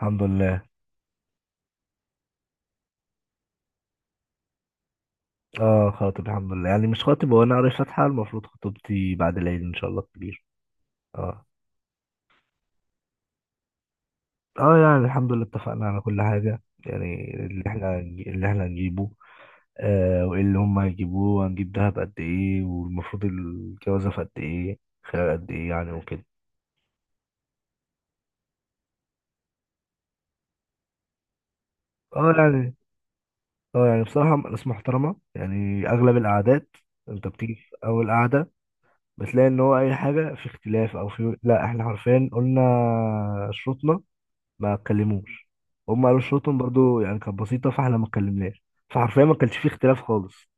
الحمد لله. اه خاطب الحمد لله، يعني مش خاطب، هو انا قاري فاتحة، المفروض خطوبتي بعد العيد ان شاء الله كبير. اه. اه يعني الحمد لله اتفقنا على كل حاجة. يعني اللي احنا هنجيبه، وايه اللي هم هيجيبوه، وهنجيب دهب قد ايه، والمفروض الجوازة في قد ايه، خلال قد ايه يعني وكده. اه يعني. اه يعني بصراحة ناس محترمة، يعني اغلب القعدات انت بتيجي في اول قعدة بتلاقي ان هو اي حاجة في اختلاف او في، لا، احنا حرفيا قلنا شروطنا، ما اتكلموش. هم قالوا شروطهم برضو، يعني كانت بسيطة، فاحنا ما اتكلمناش. فحرفيا ما كانش فيه اختلاف خالص.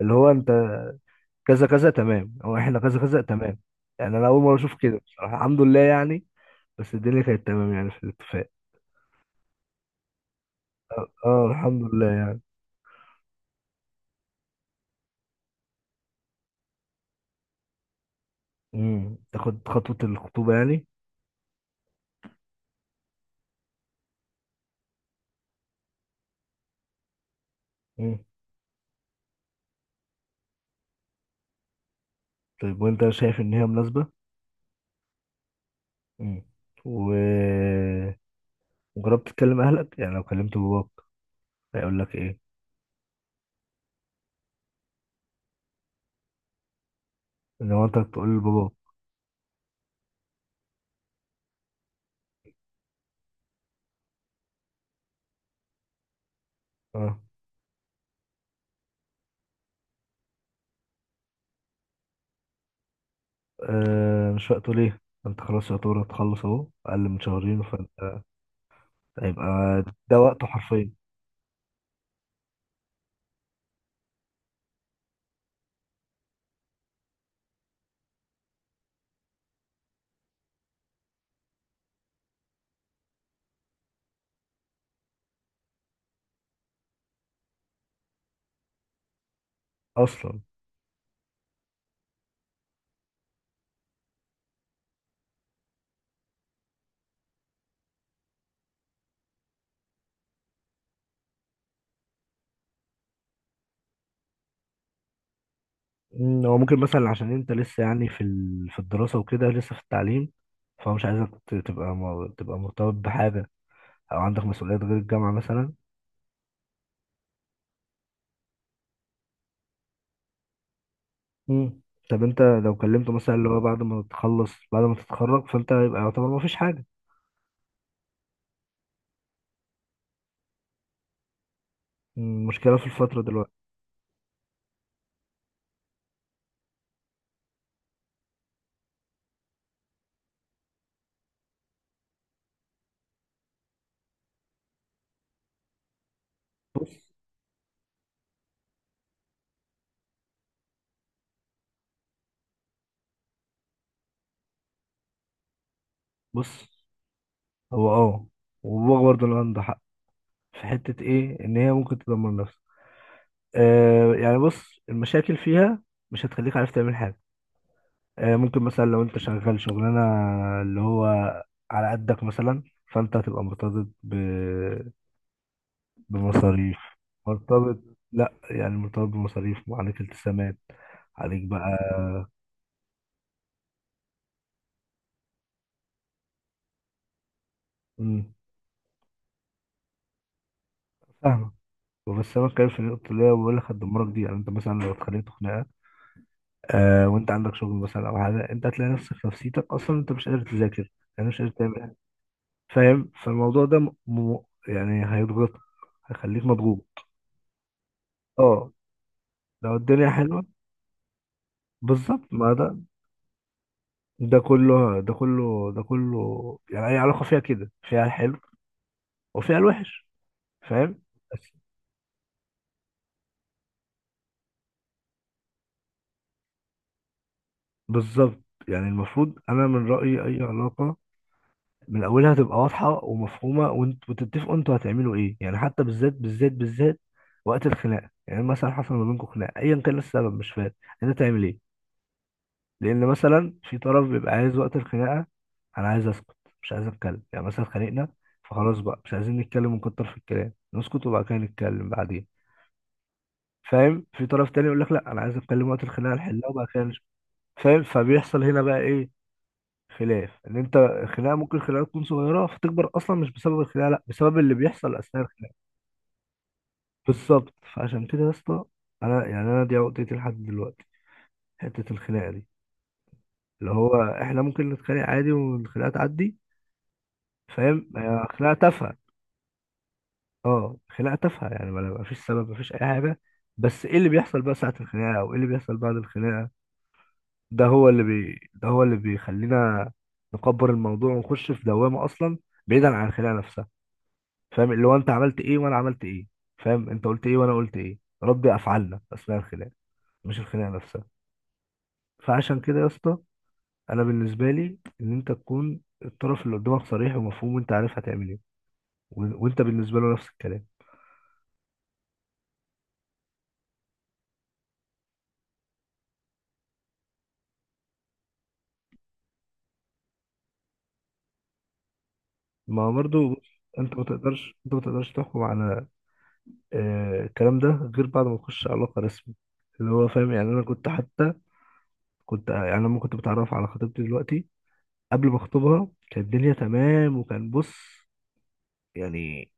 اللي هو انت كذا كذا تمام، او احنا كذا كذا تمام. يعني انا اول مرة اشوف كده بصراحة، الحمد لله يعني. بس الدنيا كانت تمام يعني في الاتفاق. اه الحمد لله يعني. تاخد خطوة الخطوبة يعني. امم طيب وانت شايف ان هي مناسبة. امم و وجربت تكلم اهلك؟ يعني لو كلمت باباك هيقول لك ايه؟ ان هو انت تقول لباباك. اه آه مش وقته ليه؟ انت خلاص يعتبر هتخلص اهو اقل من شهرين، فانت هيبقى ده وقته حرفيا اصلا. هو ممكن مثلا عشان انت لسه يعني في الدراسه وكده، لسه في التعليم. فهو مش عايزك تبقى تبقى مرتبط بحاجه، او عندك مسؤوليات غير الجامعه مثلا. مم. طب انت لو كلمته مثلا اللي هو بعد ما تخلص، بعد ما تتخرج، فانت يبقى يعتبر ما فيش حاجه. المشكله في الفتره دلوقتي. بص بص. هو وباباك برضه اللي عنده حق في حته ايه، ان هي ممكن تدمر نفسك. يعني بص، المشاكل فيها مش هتخليك عارف تعمل حاجة. ممكن مثلا لو انت شغال شغلانة اللي هو على قدك مثلا، فانت هتبقى مرتبط بمصاريف. مرتبط، لا يعني مرتبط بمصاريف وعليك التزامات عليك بقى. مم، فاهمة. بس انا بتكلم في النقطة اللي هي بقول لك هتدمرك دي. يعني انت مثلا لو اتخانقت خناقة، وانت عندك شغل مثلا او حاجة، انت هتلاقي نفسك في نفسيتك اصلا انت مش قادر تذاكر. يعني مش قادر تعمل. فاهم؟ فالموضوع ده يعني هيضغطك، هيخليك مضغوط. اه لو الدنيا حلوه، بالظبط. ما ده، ده كله ده كله ده كله. يعني اي علاقه فيها كده، فيها الحلو وفيها الوحش. فاهم؟ بس بالظبط. يعني المفروض انا من رايي اي علاقه من اولها تبقى واضحه ومفهومه، وانت وتتفقوا انتوا هتعملوا ايه، يعني حتى بالذات بالذات بالذات وقت الخناقه. يعني مثلا حصل ما بينكم خناقه، ايا كان إيه السبب مش فارق، انت تعمل ايه؟ لان مثلا في طرف بيبقى عايز وقت الخناقه، انا عايز اسكت، مش عايز اتكلم. يعني مثلا اتخانقنا، فخلاص بقى مش عايزين نتكلم ونكتر في الكلام، نسكت وبعد كده نتكلم بعدين. فاهم؟ في طرف تاني يقول لك لا، انا عايز اتكلم وقت الخناقه، نحلها وبعد كده فاهم؟ فبيحصل هنا بقى ايه؟ خلاف، ان انت الخناقه ممكن الخناقه تكون صغيره فتكبر، اصلا مش بسبب الخناقه، لا، بسبب اللي بيحصل اثناء الخناقه. بالظبط. فعشان كده يا اسطى، انا يعني انا دي عقدتي لحد دلوقتي، حته الخناقه دي، اللي هو احنا ممكن نتخانق عادي والخناقه تعدي. فاهم؟ هي خناقه تافهه، اه خناقه تافهه، يعني ما فيش سبب، ما فيش اي حاجه. بس ايه اللي بيحصل بقى ساعه الخناقه، او ايه اللي بيحصل بعد الخناقه؟ ده هو ده هو اللي بيخلينا نكبر الموضوع ونخش في دوامه، اصلا بعيدا عن الخناقه نفسها. فاهم؟ اللي هو انت عملت ايه وانا عملت ايه، فاهم؟ انت قلت ايه وانا قلت ايه. ربي افعالنا اثناء الخناقه، مش الخناقه نفسها. فعشان كده يا اسطى، انا بالنسبه لي ان انت تكون الطرف اللي قدامك صريح ومفهوم، وانت عارف هتعمل ايه، وانت بالنسبه له نفس الكلام. ما هو برضه، بص، انت ما تقدرش، انت ما تقدرش تحكم على الكلام ده غير بعد ما تخش علاقة رسمي اللي هو. فاهم؟ يعني انا كنت حتى، كنت يعني لما كنت بتعرف على خطيبتي دلوقتي، قبل ما اخطبها كانت الدنيا تمام وكان، بص يعني،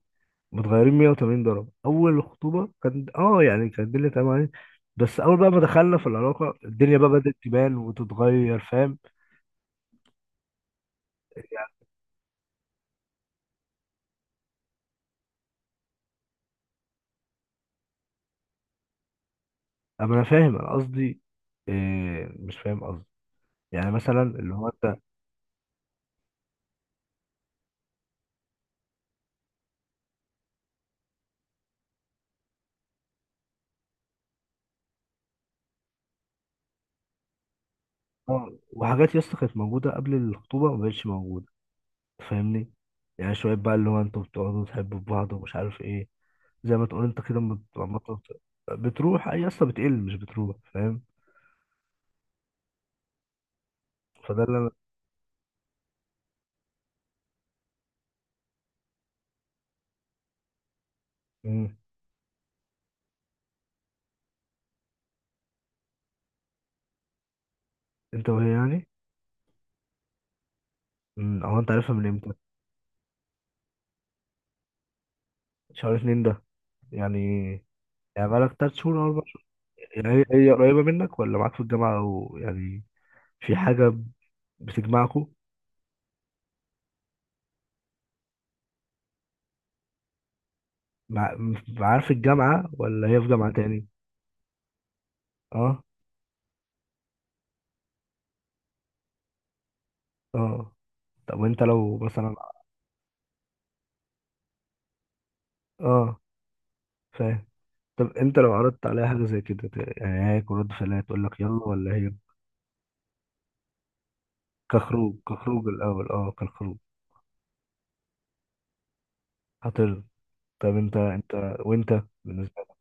متغيرين 180 درجة. اول الخطوبة كان اه يعني كانت الدنيا تمام عليه. بس اول بقى ما دخلنا في العلاقة الدنيا بقى بدأت تبان وتتغير. فاهم؟ يعني. اما انا فاهم انا قصدي، إيه مش فاهم قصدي، يعني مثلا اللي هو انت. اه وحاجات يا اسطى كانت موجودة قبل الخطوبة ما بقتش موجودة. فاهمني؟ يعني شوية بقى اللي هو انتوا بتقعدوا تحبوا في بعض ومش عارف ايه. زي ما تقول انت كده بتروح. اي اصلا بتقل، مش بتروح. فاهم؟ فده اللي انا. مم. انت وهي يعني. مم. او انت عارفها من امتى؟ شهر اتنين ده يعني. يعني بقالك تلات شهور او اربع شهور. يعني هي هي قريبة منك ولا معاك في الجامعة، او يعني في حاجة بتجمعكوا؟ مع معاها في الجامعة ولا هي في جامعة تاني؟ اه. اه طب وانت لو مثلا. اه فاهم. طب انت لو عرضت عليها حاجه زي كده يعني هي، هيكون رد فعلها تقول لك يلا ولا هي؟ كخروج، كخروج الاول، اه كخروج. هترضى؟ طب انت انت، وانت بالنسبه لك.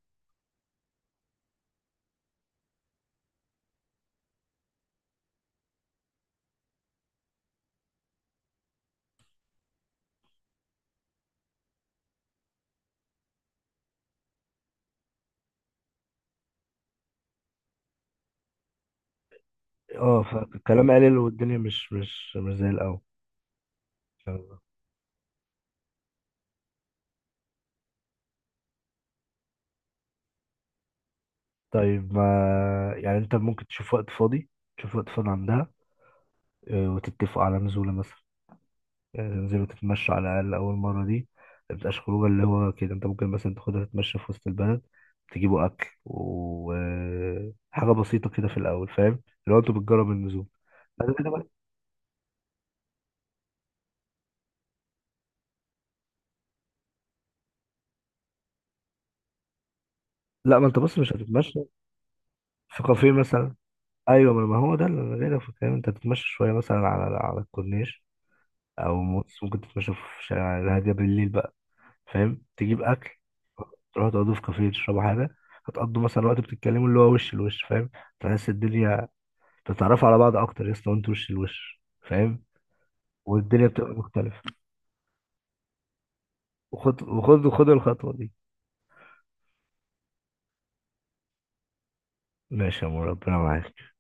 اه، فالكلام قليل والدنيا مش زي الاول. يلا. طيب ما يعني انت ممكن تشوف وقت فاضي، تشوف وقت فاضي عندها، اه، وتتفقوا على نزوله مثلا. يعني تنزلوا تتمشوا على الأقل أول مرة دي. ما تبقاش خروجة اللي هو كده، أنت ممكن مثلا تاخدها تتمشى في وسط البلد، تجيبوا أكل وحاجة بسيطة كده في الأول. فاهم؟ لو أنتوا بتجرب النزول بعد كده بقى- لا، ما أنت بص مش هتتمشى في كافيه مثلا. أيوة، ما ما هو ده اللي أنا جاي في الكلام، أنت هتتمشى شوية مثلا على على الكورنيش، أو موس ممكن تتمشى في شارع الهادية بالليل بقى. فاهم؟ تجيب أكل، تروحوا تقعدوا في كافيه تشربوا حاجة. هتقضوا مثلا وقت بتتكلموا، اللي هو وش لوش. فاهم؟ تحس الدنيا، تتعرفوا على بعض اكتر يا اسطى، وانتوا وش لوش. فاهم؟ والدنيا بتبقى مختلفه. وخد وخد وخد الخطوه دي. ماشي يا عمو، ربنا معاك.